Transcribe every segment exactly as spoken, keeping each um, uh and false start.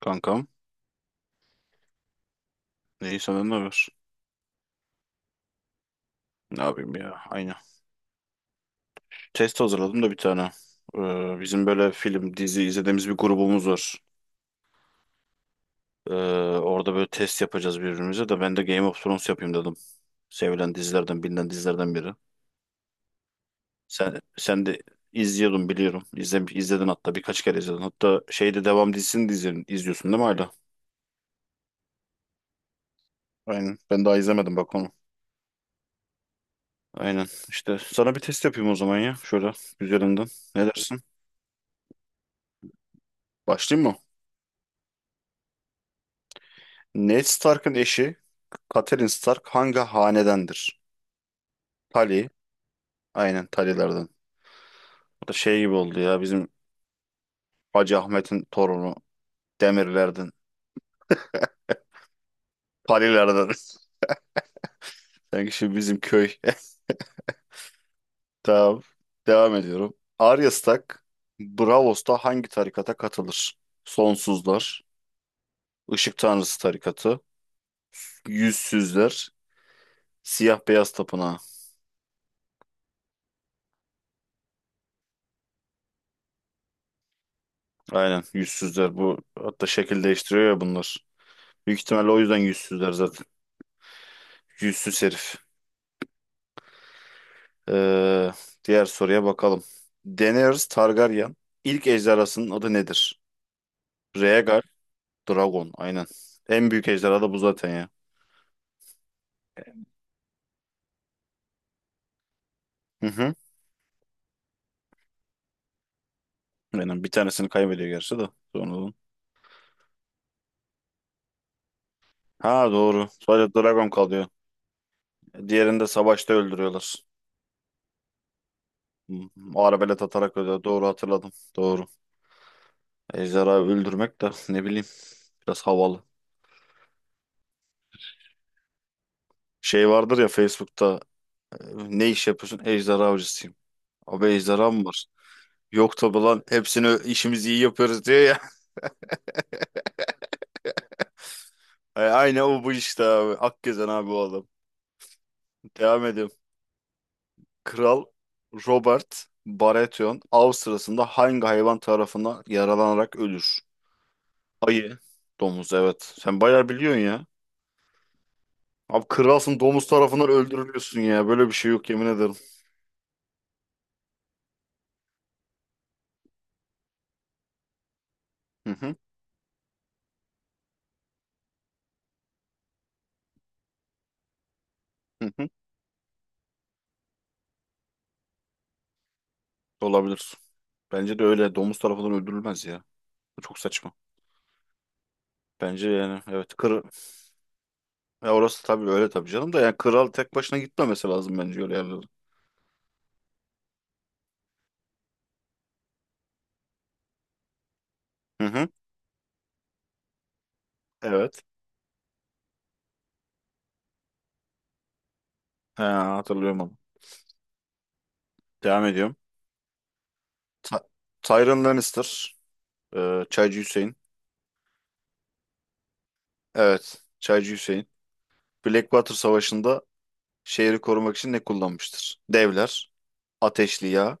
Kankam. İyi senden ne haber? Ne yapayım ya? Aynen. Test hazırladım da bir tane. Ee, bizim böyle film, dizi izlediğimiz bir grubumuz var. Ee, Orada böyle test yapacağız birbirimize de ben de Game of Thrones yapayım dedim. Sevilen dizilerden, bilinen dizilerden biri. Sen, sen de izliyordun biliyorum. İzle, izledin hatta birkaç kere izledin. Hatta şeyde devam dizisini de izledin, izliyorsun değil mi hala? Aynen. Ben daha izlemedim bak onu. Aynen. İşte sana bir test yapayım o zaman ya. Şöyle üzerinden. Ne dersin? Başlayayım mı? Ned Stark'ın eşi Catelyn Stark hangi hanedendir? Tully. Aynen Tully'lerden. Bu da şey gibi oldu ya bizim Hacı Ahmet'in torunu Demirlerden. Tully'lerden. Sanki şimdi bizim köy. Tamam. Devam ediyorum. Arya Stark Braavos'ta hangi tarikata katılır? Sonsuzlar, Işık Tanrısı tarikatı, Yüzsüzler, Siyah Beyaz Tapınağı. Aynen Yüzsüzler. Bu hatta şekil değiştiriyor ya bunlar. Büyük ihtimalle o yüzden yüzsüzler zaten. Yüzsüz herif. Ee, Diğer soruya bakalım. Daenerys Targaryen ilk ejderhasının adı nedir? Rhaegar Dragon. Aynen. En büyük ejderha da bu zaten ya. Hı hı. Aynen. Bir tanesini kaybediyor gerçi de. Sonradan. Ha doğru. Sadece Dragon kalıyor. Diğerini de savaşta öldürüyorlar. Hı, Arabelet atarak öldürüyor. Doğru hatırladım. Doğru. Ejderha öldürmek de ne bileyim biraz havalı. Şey vardır ya Facebook'ta e, ne iş yapıyorsun? Ejderha avcısıyım. Abi ejderha mı var? Yok tabi lan hepsini işimizi iyi yapıyoruz diyor ya. Ay, aynen o bu işte abi. Akgezen abi o adam. Devam edelim. Kral Robert Baratheon av sırasında hangi hayvan tarafından yaralanarak ölür? Ayı. Domuz evet. Sen bayağı biliyorsun ya. Abi kralsın domuz tarafından öldürülüyorsun ya. Böyle bir şey yok yemin ederim. Hı hı, hı hı. Olabilir. Bence de öyle. Domuz tarafından öldürülmez ya. Bu çok saçma. Bence yani evet. Kır... Ya orası tabii öyle tabii canım da yani kral tek başına gitmemesi lazım bence öyle yerlere. Hı hı. Evet. He, hatırlıyorum onu. Devam ediyorum. Ta- Tyrion Lannister. e, Çaycı Hüseyin. Evet. Çaycı Hüseyin. Blackwater Savaşı'nda şehri korumak için ne kullanmıştır? Devler, ateşli yağ,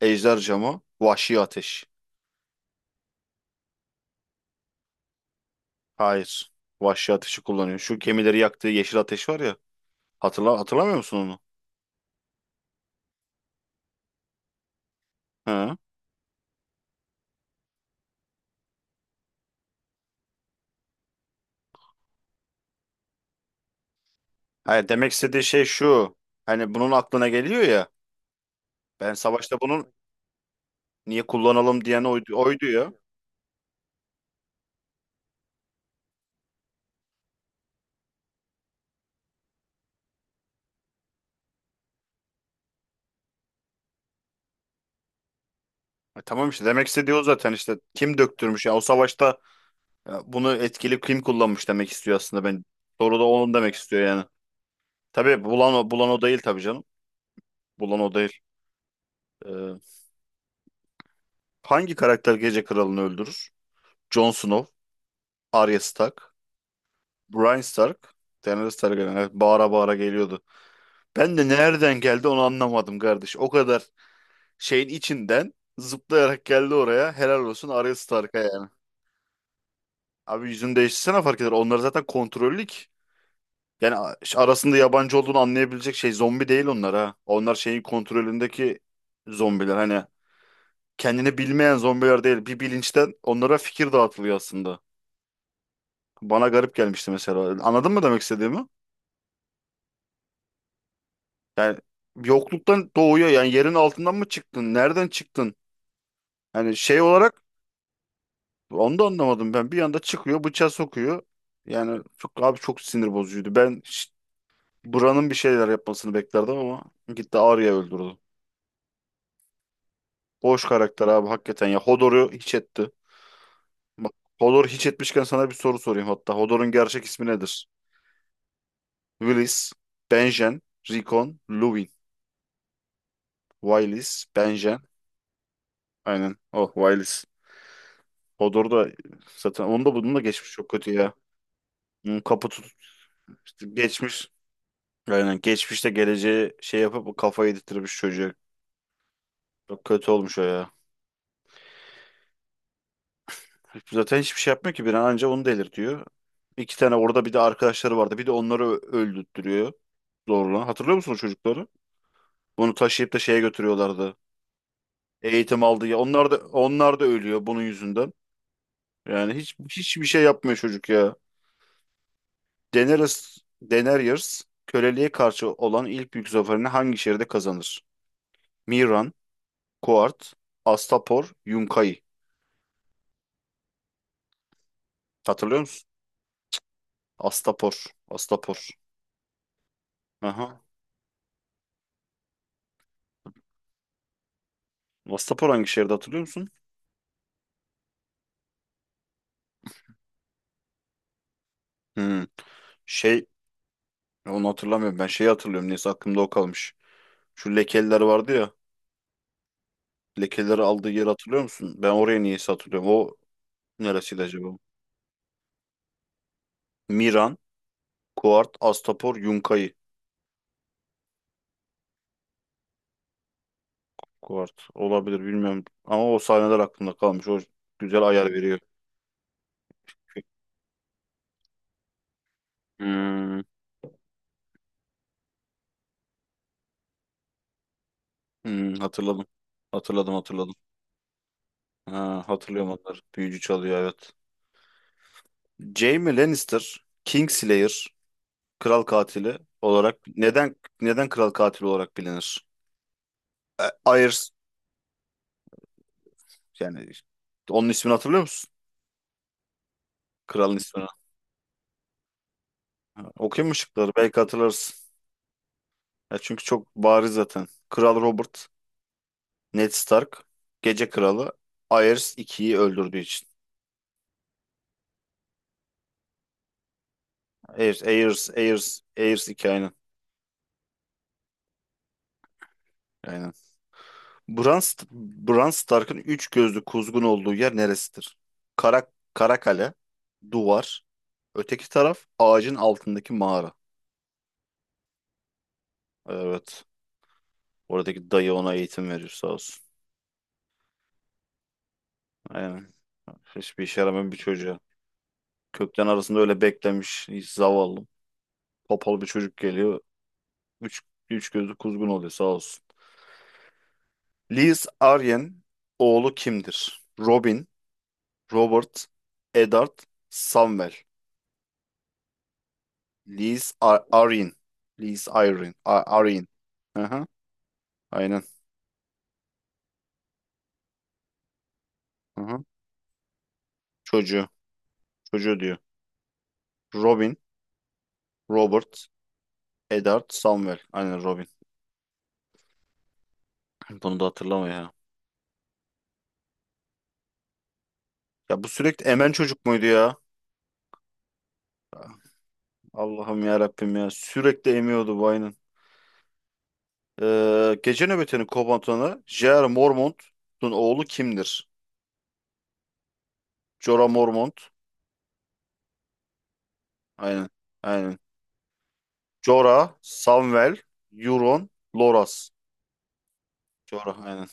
ejder camı, vahşi ateş. Hayır. Vahşi ateşi kullanıyor. Şu gemileri yaktığı yeşil ateş var ya. Hatırla hatırlamıyor musun onu? Hı. Hayır, demek istediği şey şu. Hani bunun aklına geliyor ya. Ben savaşta bunun niye kullanalım diyen oydu, oydu ya. E tamam işte demek istediği o zaten işte kim döktürmüş ya o savaşta ya bunu etkili kim kullanmış demek istiyor aslında ben. Soru da onun demek istiyor yani. Tabii bulan o, bulan o değil tabii canım. Bulan o değil. Ee, Hangi karakter Gece Kralı'nı öldürür? Jon Snow, Arya Stark, Bryan Stark, Daenerys Targaryen. Evet, bağıra bağıra geliyordu. Ben de nereden geldi onu anlamadım kardeş. O kadar şeyin içinden zıplayarak geldi oraya. Helal olsun Arya Stark'a yani. Abi yüzünü değiştirsene fark eder. Onlar zaten kontrollük. Yani a- arasında yabancı olduğunu anlayabilecek şey zombi değil onlar ha. Onlar şeyin kontrolündeki zombiler. Hani kendini bilmeyen zombiler değil. Bir bilinçten onlara fikir dağıtılıyor aslında. Bana garip gelmişti mesela. Anladın mı demek istediğimi? Yani yokluktan doğuyor. Yani yerin altından mı çıktın? Nereden çıktın? Yani şey olarak onu da anlamadım ben. Bir anda çıkıyor, bıçağı sokuyor. Yani çok abi çok sinir bozucuydu. Ben ş- buranın bir şeyler yapmasını beklerdim ama gitti Arya'yı öldürdü. Boş karakter abi hakikaten ya. Hodor'u hiç etti. Bak, Hodor hiç etmişken sana bir soru sorayım hatta. Hodor'un gerçek ismi nedir? Willis, Benjen, Rickon, Luwin. Willis, Benjen. Aynen. Oh, Willis. Hodor da zaten onun da bunun da geçmiş çok kötü ya. Bunun kapı tut işte geçmiş. Aynen. Geçmişte geleceği şey yapıp kafayı yedirtmiş çocuğa. Çok kötü olmuş o ya. Zaten hiçbir şey yapmıyor ki bir an anca onu delirtiyor. İki tane orada bir de arkadaşları vardı. Bir de onları ö- öldürttürüyor zorla. Hatırlıyor musun o çocukları? Bunu taşıyıp da şeye götürüyorlardı. Eğitim aldı ya. Onlar da onlar da ölüyor bunun yüzünden. Yani hiç hiçbir şey yapmıyor çocuk ya. Daenerys, Daenerys köleliğe karşı olan ilk büyük zaferini hangi şehirde kazanır? Miran, Kuart, Astapor, Yunkai. Hatırlıyor musun? Astapor. Astapor. Aha. Astapor hangi şehirde hatırlıyor musun? Hmm. Şey onu hatırlamıyorum. Ben şeyi hatırlıyorum. Neyse aklımda o kalmış. Şu lekeler vardı ya. Lekeleri aldığı yeri hatırlıyor musun? Ben oraya niyeyse hatırlıyorum. O neresiydi acaba? Miran, Kuart, Astapor, Yunkayı. Kuart olabilir bilmiyorum. Ama o sahneler aklımda kalmış. O güzel ayar veriyor. Hmm, hmm, hatırladım. Hatırladım hatırladım. Ha, hatırlıyorum onları. Büyücü çalıyor evet. Jaime Lannister, Kingslayer, kral katili olarak neden neden kral katili olarak bilinir? E, Aerys. Yani onun ismini hatırlıyor musun? Kralın ismini. Ha, okuyayım mı şıkları? Belki hatırlarsın. Ya çünkü çok bariz zaten. Kral Robert, Ned Stark, Gece Kralı, Aerys ikiyi öldürdüğü için. Aerys, Aerys, Aerys, Aerys iki aynen. Aynen. Bran, St- Bran Stark'ın üç gözlü kuzgun olduğu yer neresidir? Kara, Karakale, duvar, öteki taraf ağacın altındaki mağara. Evet. Oradaki dayı ona eğitim veriyor sağ olsun. Aynen. Hiçbir işe yaramayan bir çocuğa. Kökten arasında öyle beklemiş. Hiç zavallı. Topal bir çocuk geliyor. Üç, Üç gözlü kuzgun oluyor sağ olsun. Liz Aryen oğlu kimdir? Robin, Robert, Eddard, Samwell. Liz Ar Arryn. Liz Arryn. Ar Arryn. Hı hı, aynen. Hı hı. Çocuğu. Çocuğu diyor. Robin, Robert, Eddard, Samwell. Aynen Robin. Bunu da hatırlamıyor ya. Ya bu sürekli emen çocuk muydu ya? Allah'ım ya Rabbim ya. Sürekli emiyordu bu aynen. Ee, gece nöbetinin komutanı J R. Mormont'un oğlu kimdir? Jorah Mormont. Aynen. Aynen. Jorah, Samwell, Euron, Loras. Jorah aynen.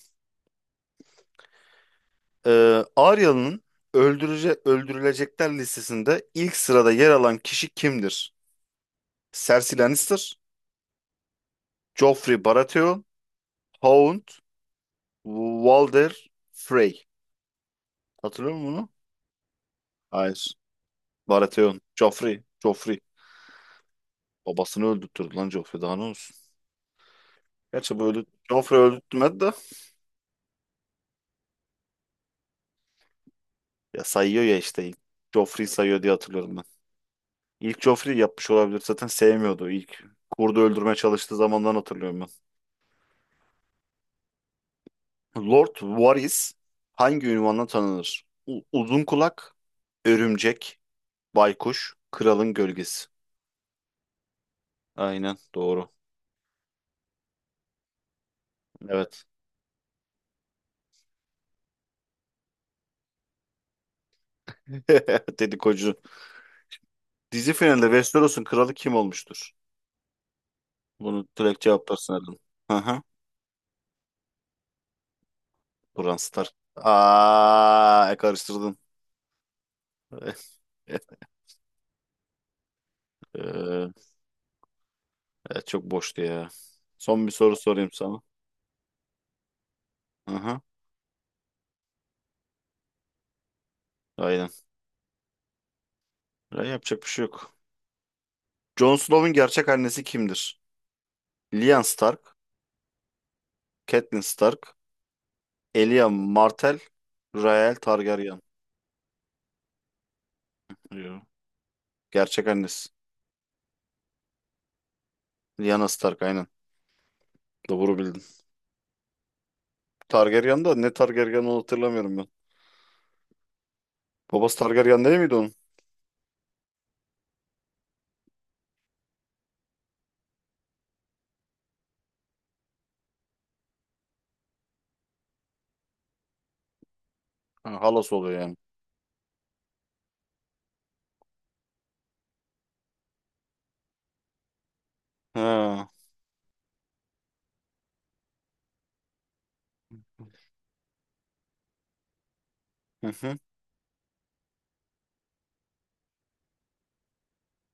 Ee, Arya'nın öldürece öldürülecekler listesinde ilk sırada yer alan kişi kimdir? Cersei Lannister, Joffrey Baratheon, Hound, Walder Frey. Hatırlıyor musun bunu? Hayır. Baratheon. Joffrey. Joffrey. Babasını öldürttürdü lan Joffrey. Daha ne olsun? Gerçi bu öldü. Joffrey öldürtmedi de. Ya sayıyor ya işte ilk. Joffrey sayıyor diye hatırlıyorum ben. İlk Joffrey yapmış olabilir. Zaten sevmiyordu. İlk kurdu öldürmeye çalıştığı zamandan hatırlıyorum ben. Lord Varys hangi ünvanla tanınır? U- uzun kulak, örümcek, baykuş, kralın gölgesi. Aynen doğru. Evet. Dedikocu. Dizi finalinde Westeros'un kralı kim olmuştur? Bunu direkt cevaplarsın Erdoğan. Hı hı. Bran Stark. Aa, e, karıştırdın. Ee, evet, çok boştu ya. Son bir soru sorayım sana. Aha, aynen. Ya, yapacak bir şey yok. Jon Snow'un gerçek annesi kimdir? Lyanna Stark, Catelyn Stark, Elia Martell, Rael Targaryen. Yo. Gerçek annesi. Lyanna Stark aynen. Doğru bildin. Targaryen da ne Targaryen onu hatırlamıyorum ben. Babası Targaryen değil miydi onun? Ha, halası oluyor yani. Ha. Hı hı.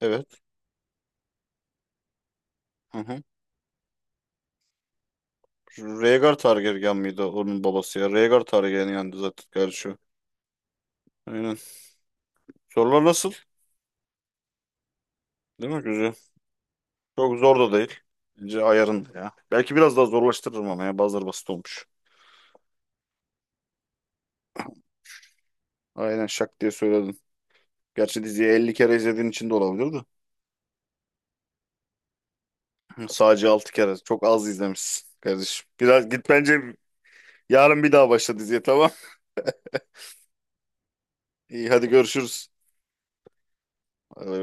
Evet. Hı hı. Rhaegar Targaryen miydi onun babası ya? Rhaegar Targaryen yandı zaten kardeşi. Aynen. Sorular nasıl? Değil mi güzel? Çok zor da değil. Bence ayarında ya. Belki biraz daha zorlaştırırım ama ya bazıları basit olmuş. Aynen şak diye söyledin. Gerçi diziyi elli kere izlediğin için de olabilir de. Hı, sadece altı kere. Çok az izlemişsin kardeşim. Biraz git bence yarın bir daha başla diziye tamam. İyi hadi görüşürüz. Hadi bay bay.